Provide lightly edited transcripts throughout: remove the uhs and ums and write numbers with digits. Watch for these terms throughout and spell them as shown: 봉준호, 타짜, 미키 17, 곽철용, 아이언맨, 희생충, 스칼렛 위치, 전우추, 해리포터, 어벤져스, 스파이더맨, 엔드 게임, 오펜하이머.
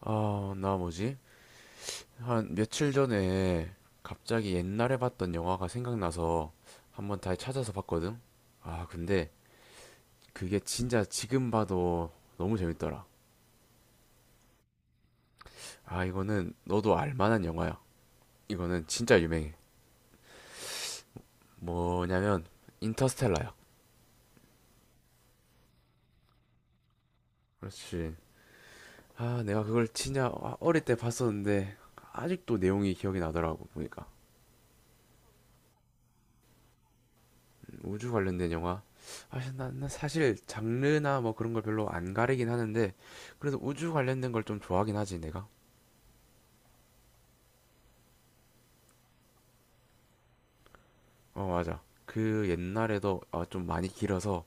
아, 나 뭐지? 한 며칠 전에 갑자기 옛날에 봤던 영화가 생각나서 한번 다시 찾아서 봤거든? 아, 근데 그게 진짜 지금 봐도 너무 재밌더라. 아, 이거는 너도 알 만한 영화야. 이거는 진짜 유명해. 뭐냐면, 인터스텔라야. 그렇지. 아, 내가 그걸 진짜 어릴 때 봤었는데, 아직도 내용이 기억이 나더라고, 보니까. 우주 관련된 영화. 아, 난 사실 장르나 뭐 그런 걸 별로 안 가리긴 하는데, 그래도 우주 관련된 걸 좀 좋아하긴 하지, 내가. 어, 맞아. 그 옛날에도 좀 많이 길어서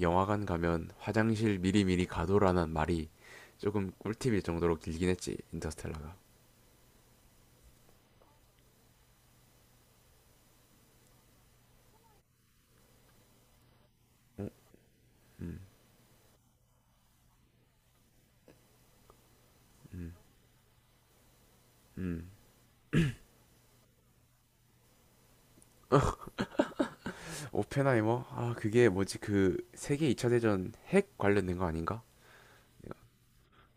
영화관 가면 화장실 미리미리 가도라는 말이 조금 꿀팁일 정도로 길긴 했지, 인터스텔라가. 오펜하이머? 아, 그게 뭐지, 그 세계 2차 대전 핵 관련된 거 아닌가?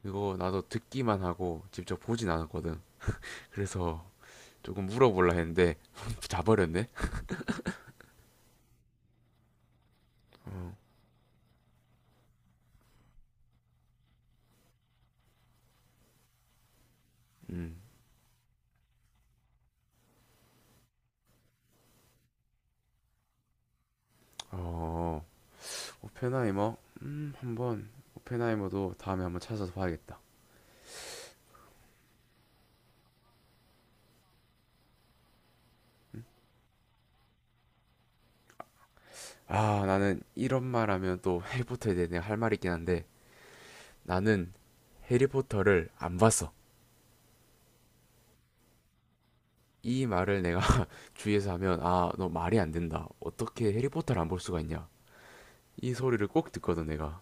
그거 나도 듣기만 하고 직접 보진 않았거든. 그래서 조금 물어보려 했는데, 자버렸네? 어, 음, 어, 오펜하이머? 음, 한번, 오펜하이머도 다음에 한번 찾아서 봐야겠다. 아, 나는 이런 말 하면 또 해리포터에 대해 내가 할 말이 있긴 한데, 나는 해리포터를 안 봤어. 이 말을 내가 주위에서 하면, 아, 너 말이 안 된다. 어떻게 해리포터를 안 볼 수가 있냐. 이 소리를 꼭 듣거든, 내가.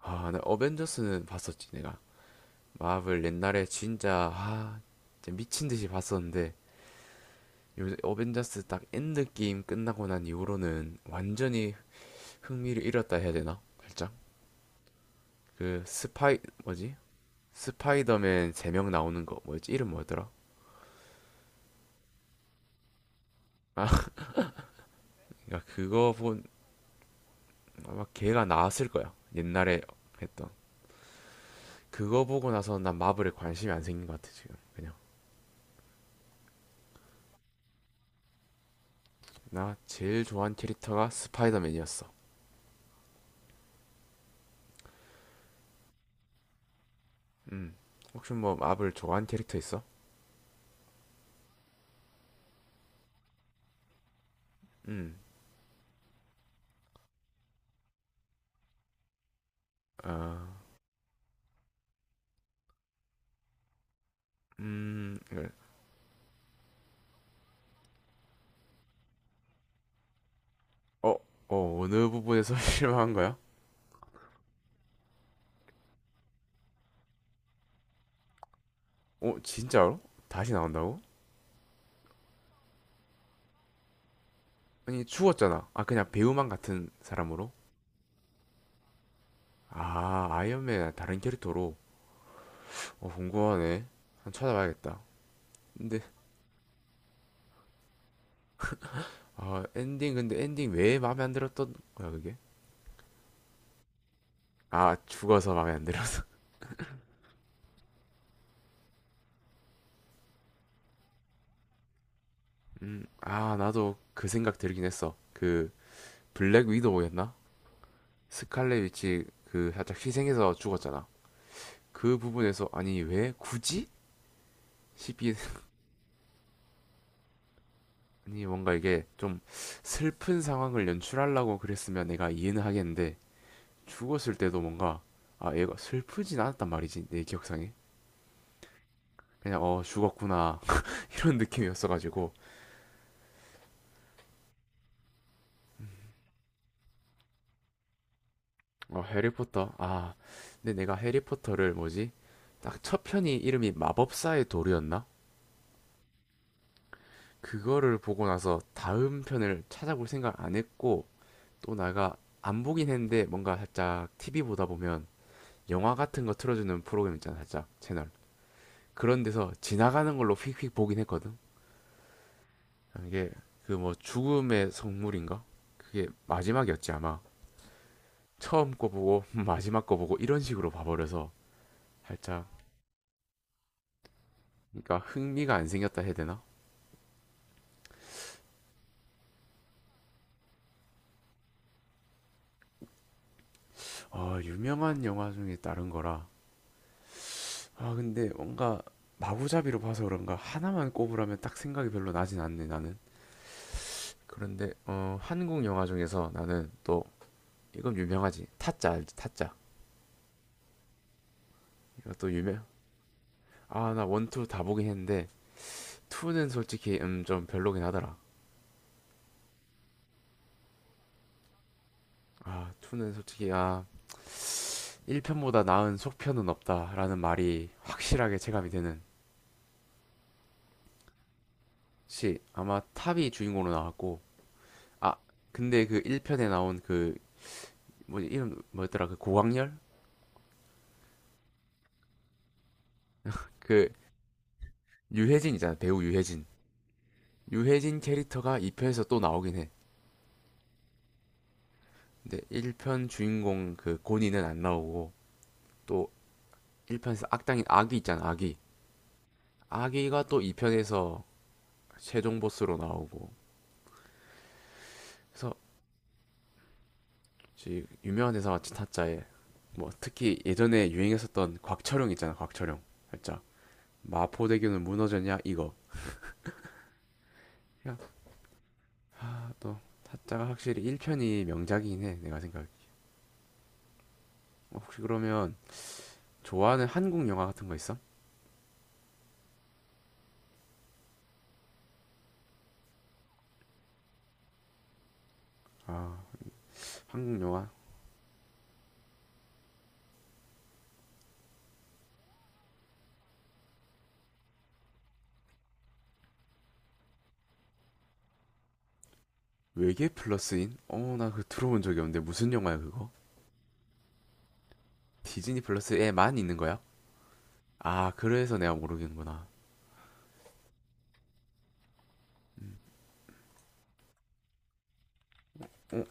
아, 나 어벤져스는 봤었지, 내가. 마블 옛날에 진짜, 진짜 미친 듯이 봤었는데, 요새 어벤져스 딱 엔드 게임 끝나고 난 이후로는 완전히 흥미를 잃었다 해야 되나? 살짝 그 스파이 뭐지? 스파이더맨 3명 나오는 거 뭐였지? 이름 뭐였더라? 아 그러니까 그거 본 아마 걔가 나왔을 거야, 옛날에 했던. 그거 보고 나서 난 마블에 관심이 안 생긴 것 같아, 지금 그냥. 나 제일 좋아하는 캐릭터가 스파이더맨이었어. 음 혹시 뭐 마블 좋아하는 캐릭터 있어? 음 아음 어, 어 어느 부분에서 실망한 거야? 어 진짜로? 다시 나온다고? 아니 죽었잖아. 아 그냥 배우만 같은 사람으로? 아 아이언맨 다른 캐릭터로. 어 궁금하네. 한번 찾아봐야겠다. 근데 근데 엔딩 왜 마음에 안 들었던 거야 그게? 아 죽어서 마음에 안 들어서. 나도 그 생각 들긴 했어. 그 블랙 위도우였나? 스칼렛 위치 그 살짝 희생해서 죽었잖아. 그 부분에서, 아니 왜 굳이 싶긴. 아니 뭔가 이게 좀 슬픈 상황을 연출하려고 그랬으면 내가 이해는 하겠는데, 죽었을 때도 뭔가 아 얘가 슬프진 않았단 말이지, 내 기억상에. 그냥 어 죽었구나 이런 느낌이었어가지고. 어 해리포터. 아 근데 내가 해리포터를, 뭐지, 딱 첫 편이 이름이 마법사의 돌이었나. 그거를 보고 나서 다음 편을 찾아볼 생각 안 했고, 또 내가 안 보긴 했는데 뭔가 살짝 TV 보다 보면 영화 같은 거 틀어주는 프로그램 있잖아, 살짝 채널, 그런 데서 지나가는 걸로 휙휙 보긴 했거든. 이게 그 뭐 죽음의 성물인가? 그게 마지막이었지 아마. 처음 거 보고 마지막 거 보고 이런 식으로 봐버려서 살짝, 그러니까 흥미가 안 생겼다 해야 되나? 아 유명한 영화 중에 다른 거라. 아 근데 뭔가 마구잡이로 봐서 그런가 하나만 꼽으라면 딱 생각이 별로 나진 않네, 나는. 그런데 어 한국 영화 중에서 나는 또, 이건 유명하지. 타짜 알지, 타짜. 이것도 유명. 아 나 원투 다 보긴 했는데 2는 솔직히 좀 별로긴 하더라. 아, 2는 솔직히 1편보다 나은 속편은 없다라는 말이 확실하게 체감이 되는. 시 아마 탑이 주인공으로 나왔고. 아, 근데 그 1편에 나온 그, 뭐지, 이름 뭐였더라? 그 고광렬? 그 유해진이잖아. 배우 유해진. 유해진 캐릭터가 2편에서 또 나오긴 해. 근데 1편 주인공 그 고니는 안 나오고, 또 1편에서 악당인 아귀 있잖아. 아귀. 아귀가 또 2편에서 최종 보스로 나오고. 그래서 유명한 대사 같이 타짜에, 뭐 특히 예전에 유행했었던 곽철용 있잖아, 곽철용. 살짝 마포대교는 무너졌냐, 이거. 그냥 아또, 타짜가 확실히 1편이 명작이긴 해, 내가 생각에. 어, 혹시 그러면 좋아하는 한국 영화 같은 거 있어? 아 한국 영화. 외계 플러스인? 어나 그거 들어본 적이 없는데, 무슨 영화야 그거? 디즈니 플러스에만 있는 거야? 아 그래서 내가 모르겠는구나. 어?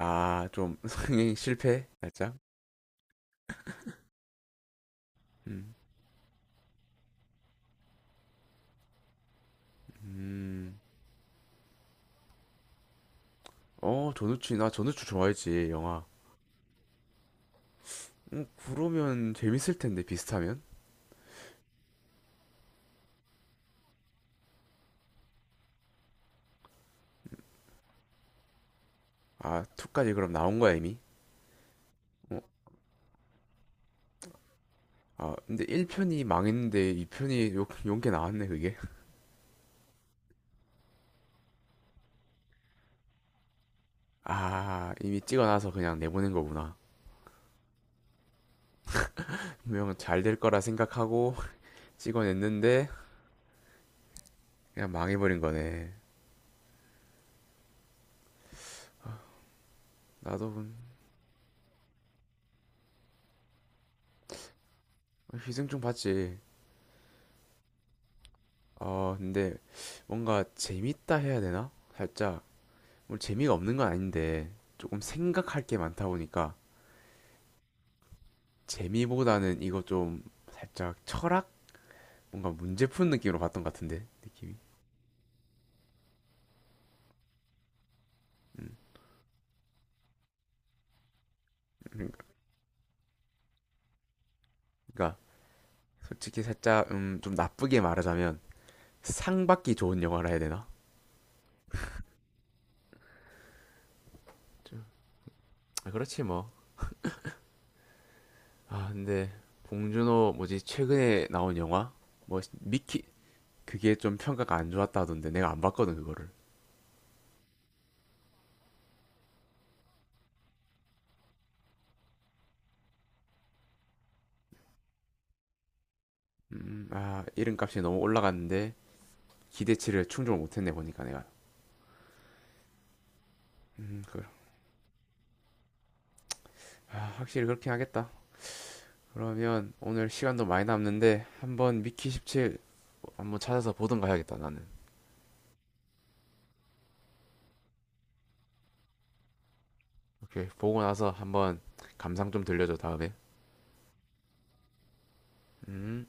음아좀 성행 실패? 살짝? 음. 음. 어, 나 전우추 좋아했지, 영화. 그러면 재밌을 텐데, 비슷하면? 아, 2까지 그럼 나온 거야, 이미? 어, 아, 근데 1편이 망했는데 2편이 용게 나왔네, 그게? 아, 이미 찍어놔서 그냥 내보낸 거구나. 분명 잘 될 거라 생각하고 찍어냈는데, 그냥 망해버린 거네. 나도 희생충 봤지. 어, 근데 뭔가 재밌다 해야 되나? 살짝, 뭐 재미가 없는 건 아닌데, 조금 생각할 게 많다 보니까, 재미보다는 이거 좀 살짝 철학, 뭔가 문제 푸는 느낌으로 봤던 것 같은데, 느낌이. 음, 그러니까, 그러니까 솔직히 살짝, 좀 나쁘게 말하자면, 상 받기 좋은 영화라 해야 되나? 좀, 아, 그렇지 뭐. 아, 근데, 봉준호, 뭐지, 최근에 나온 영화, 뭐, 미키, 그게 좀 평가가 안 좋았다 하던데, 내가 안 봤거든, 그거를. 아, 이름값이 너무 올라갔는데, 기대치를 충족을 못했네, 보니까 내가. 음, 그, 아, 확실히 그렇긴 하겠다. 그러면 오늘 시간도 많이 남는데 한번 미키 17 한번 찾아서 보던가 해야겠다, 나는. 오케이, 보고 나서 한번 감상 좀 들려줘, 다음에. 음.